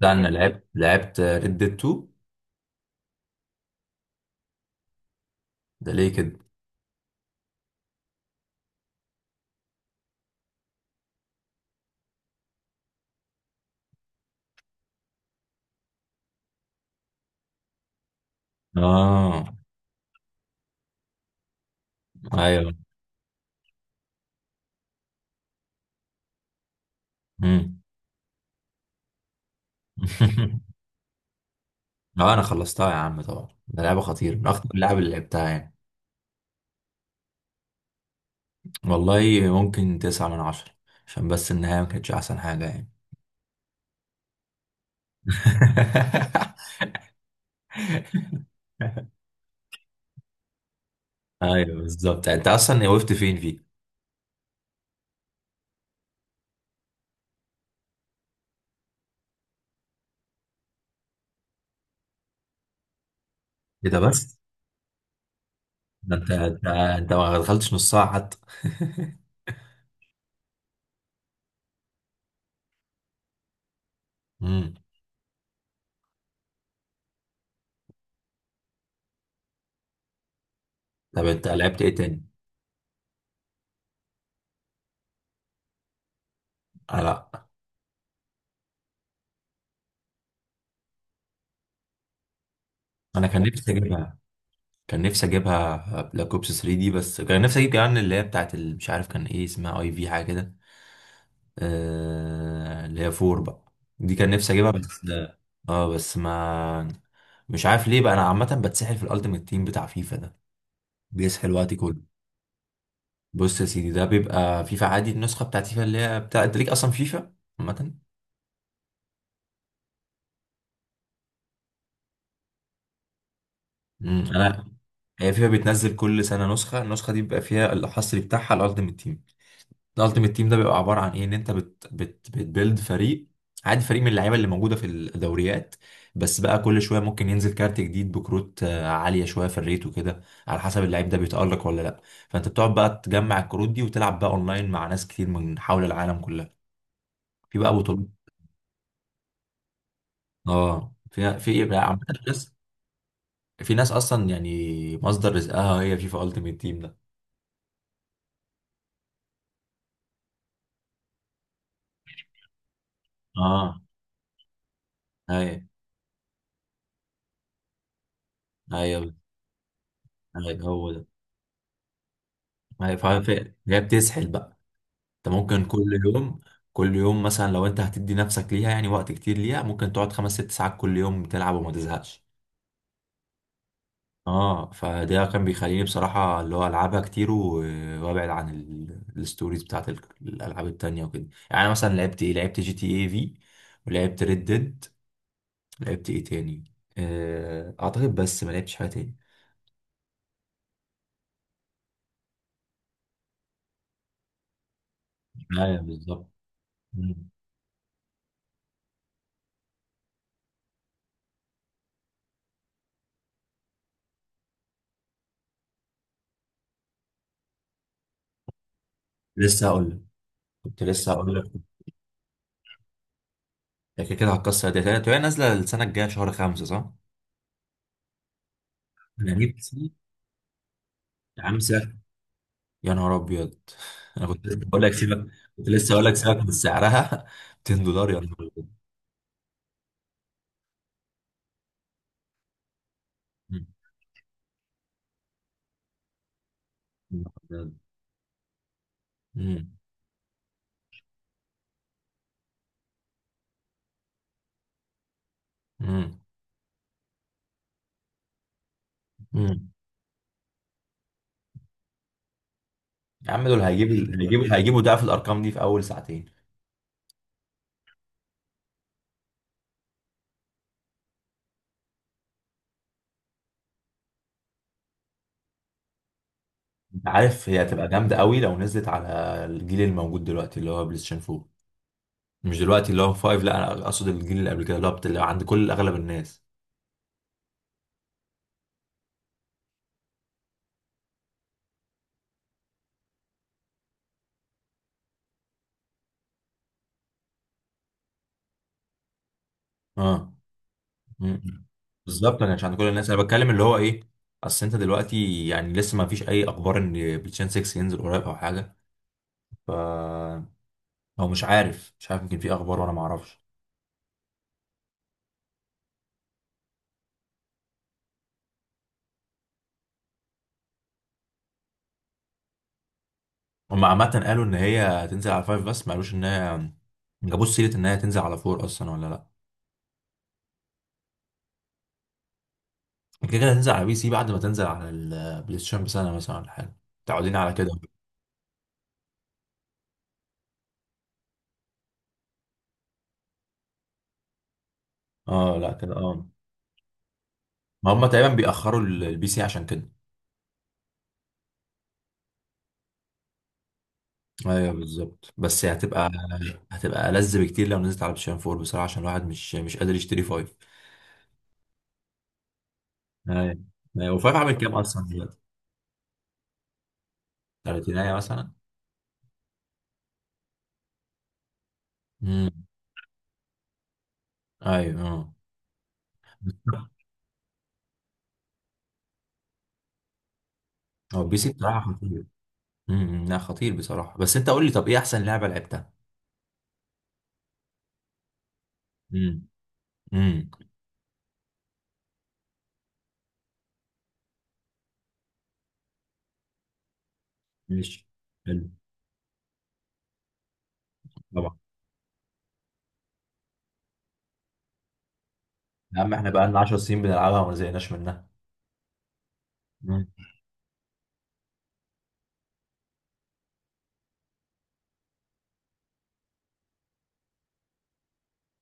ده انا لعبت ريد ديد 2. ده ليه كده؟ اه. ايوه. امم. اه، انا خلصتها يا عم، طبعا ده لعبه خطيره، من اخطر اللعب اللي لعبتها يعني. والله ممكن تسعة من عشرة، عشان بس النهايه ما كانتش احسن حاجه يعني. ايوه، بالظبط. انت اصلا وقفت فين فيه؟ ايه ده بس؟ ده انت ما دخلتش نص ساعه حتى. امم طب انت لعبت ايه تاني؟ آه لا. انا كان نفسي اجيبها، كان نفسي اجيبها بلاك اوبس 3 دي، بس كان نفسي اجيب كمان اللي هي بتاعت مش عارف كان ايه اسمها، اي في حاجه كده. اللي هي 4 بقى، دي كان نفسي اجيبها بس. اه بس ما... مش عارف ليه بقى، انا عامه بتسحل في الالتيميت تيم بتاع فيفا ده، بيسحل وقتي كله. بص يا سيدي، ده بيبقى فيفا عادي، النسخه بتاعت فيفا اللي هي بتاع انت ليك اصلا فيفا عامه. انا، هي فيفا بتنزل كل سنه نسخه، النسخه دي بيبقى فيها الحصري بتاعها الالتيميت تيم. الالتيميت تيم ده بيبقى عباره عن ايه؟ ان انت بت بت بتبيلد فريق، عادي فريق من اللعيبه اللي موجوده في الدوريات، بس بقى كل شويه ممكن ينزل كارت جديد، بكروت عاليه شويه في الريت وكده، على حسب اللعيب ده بيتالق ولا لا. فانت بتقعد بقى تجمع الكروت دي، وتلعب بقى اونلاين مع ناس كتير من حول العالم كلها، في بقى بطولات. اه، في ايه بقى عامه. ناس، في ناس اصلا يعني مصدر رزقها هي فيفا التيميت تيم ده. اه، ايوه، ايوه، ايوه، هو ده، ايوه. فهي بتسحل بقى. انت ممكن كل يوم، كل يوم مثلا لو انت هتدي نفسك ليها يعني وقت كتير ليها، ممكن تقعد خمس ست ساعات كل يوم بتلعب وما تزهقش. اه، فده كان بيخليني بصراحة اللي هو العبها كتير وابعد عن الستوريز بتاعت الالعاب التانية وكده، يعني أنا مثلا لعبت جي تي اي في، ولعبت ريد ديد، لعبت ايه تاني؟ اعتقد بس ما لعبتش حاجة تاني. ايوه، بالظبط. مم. لسه هقول لك، كنت لسه هقول لك. هي كده كده هتكسر الداتا، وهي نازلة السنة الجاية شهر خمسة، صح؟ انا نفسي، يا عم، يا نهار ابيض! انا كنت لسه بقول لك بجد سيبك، كنت لسه بقول لك سيبك من سعرها، $200، يا نهار ابيض! أمم، أمم، أمم. يا عم دول هيجيبوا، هيجيبوا ضعف الارقام دي في اول ساعتين. انت عارف هي هتبقى جامده قوي لو نزلت على الجيل الموجود دلوقتي، اللي هو بلاي ستيشن 4، مش دلوقتي اللي هو 5، لا انا اقصد الجيل اللي قبل كده، اللي هو اللي عند كل اغلب الناس. اه. أمم. بالظبط، انا مش عند كل الناس، انا بتكلم اللي هو ايه. اصل انت دلوقتي يعني لسه ما فيش اي اخبار ان بلاي ستيشن 6 ينزل قريب او حاجه، ف، هو مش عارف، مش عارف، يمكن في اخبار وانا ما اعرفش. هم عامه قالوا ان هي هتنزل على فايف، بس ما قالوش ان هي ما جابوش سيره ان هي تنزل على فور اصلا ولا لا. كده كده هتنزل على بي سي بعد ما تنزل على البلاي ستيشن بسنه مثلا ولا حاجه، متعودين على كده. اه، لا كده، اه. ما هم تقريبا بيأخروا البي سي عشان كده. ايوه، بالظبط، بس هتبقى ألذ بكتير لو نزلت على بلاي ستيشن 4 بصراحه، عشان الواحد مش قادر يشتري فايف. ايوه، ايوه، وفايف عامل كام اصلا دلوقتي؟ تلاتينية مثلا. امم. ايوه، اه. هو بي سي بصراحة خطير. امم، لا، خطير بصراحة، بس انت قول لي، طب ايه احسن لعبة لعبتها؟ امم. امم. ماشي. حلو. طبعا. يا عم احنا بقى لنا 10 سنين بنلعبها وما زهقناش منها. مم.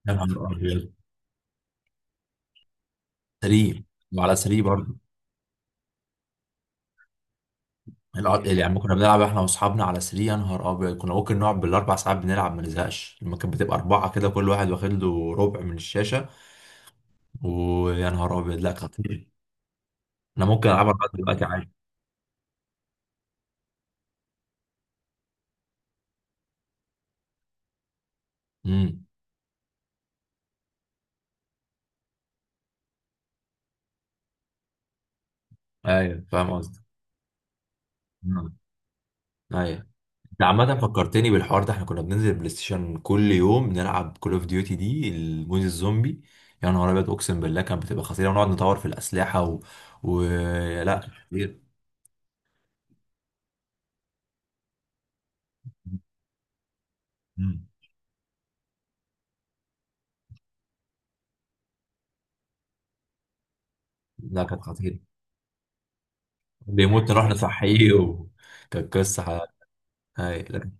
يا نهار ابيض! سري. وعلى سري برضه. يعني كنا بنلعب احنا واصحابنا على سري، يا نهار ابيض كنا ممكن نقعد بالاربع ساعات بنلعب ما نزهقش، لما كانت بتبقى اربعة كده كل واحد واخد له ربع من الشاشة. ويا نهار ابيض، لا خطير. انا ممكن العبها لغاية دلوقتي عادي. امم. ايوه، فاهم قصدي. مم. ايوه. ده عامة فكرتني بالحوار ده، احنا كنا بننزل بلاي ستيشن كل يوم نلعب كول اوف ديوتي، دي المود الزومبي. يا نهار ابيض، اقسم بالله كانت بتبقى خطيرة، ونقعد نطور في الأسلحة و... لا، كانت خطيرة. مم. لا، كانت خطيرة. بيموت، نروح نصحيه، و... كانت قصة هاي، لكن.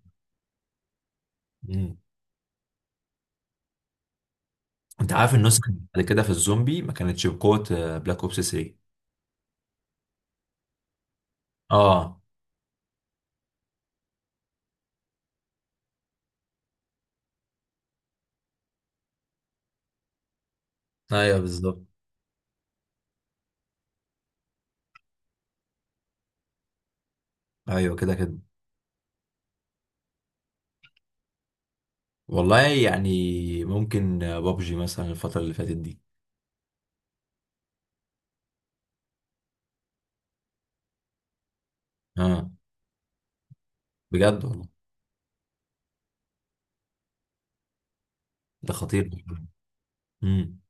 مم. انت عارف النسخة بعد كده في الزومبي ما كانتش بقوة بلاك اوبس 3. اه. ايوه، بالظبط. ايوه، كده كده. والله يعني ممكن بابجي مثلا الفترة اللي فاتت دي. اه، بجد والله؟ ده خطير. امم.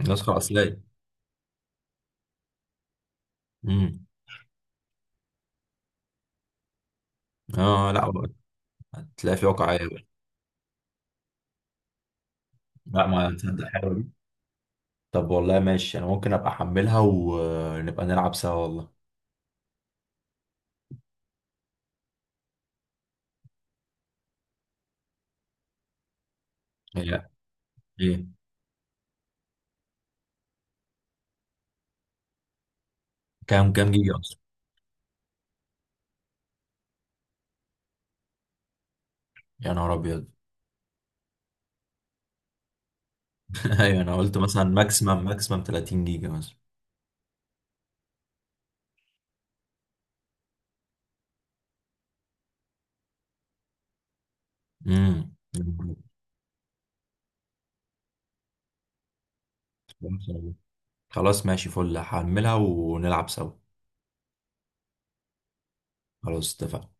الاسقر اصليه. امم. اه لا بقى. هتلاقي في واقعيه بقى. لا، ما تصدق، حلوه دي. طب والله ماشي، انا ممكن ابقى احملها ونبقى نلعب سوا والله. هي، ايه، كام جيجا اصلا؟ يا نهار ابيض! ايوه، انا قلت مثلا ماكسيمم ماكسيمم 30 جيجا مثلا. امم. خلاص ماشي، فل هحملها ونلعب سوا. خلاص، اتفقنا.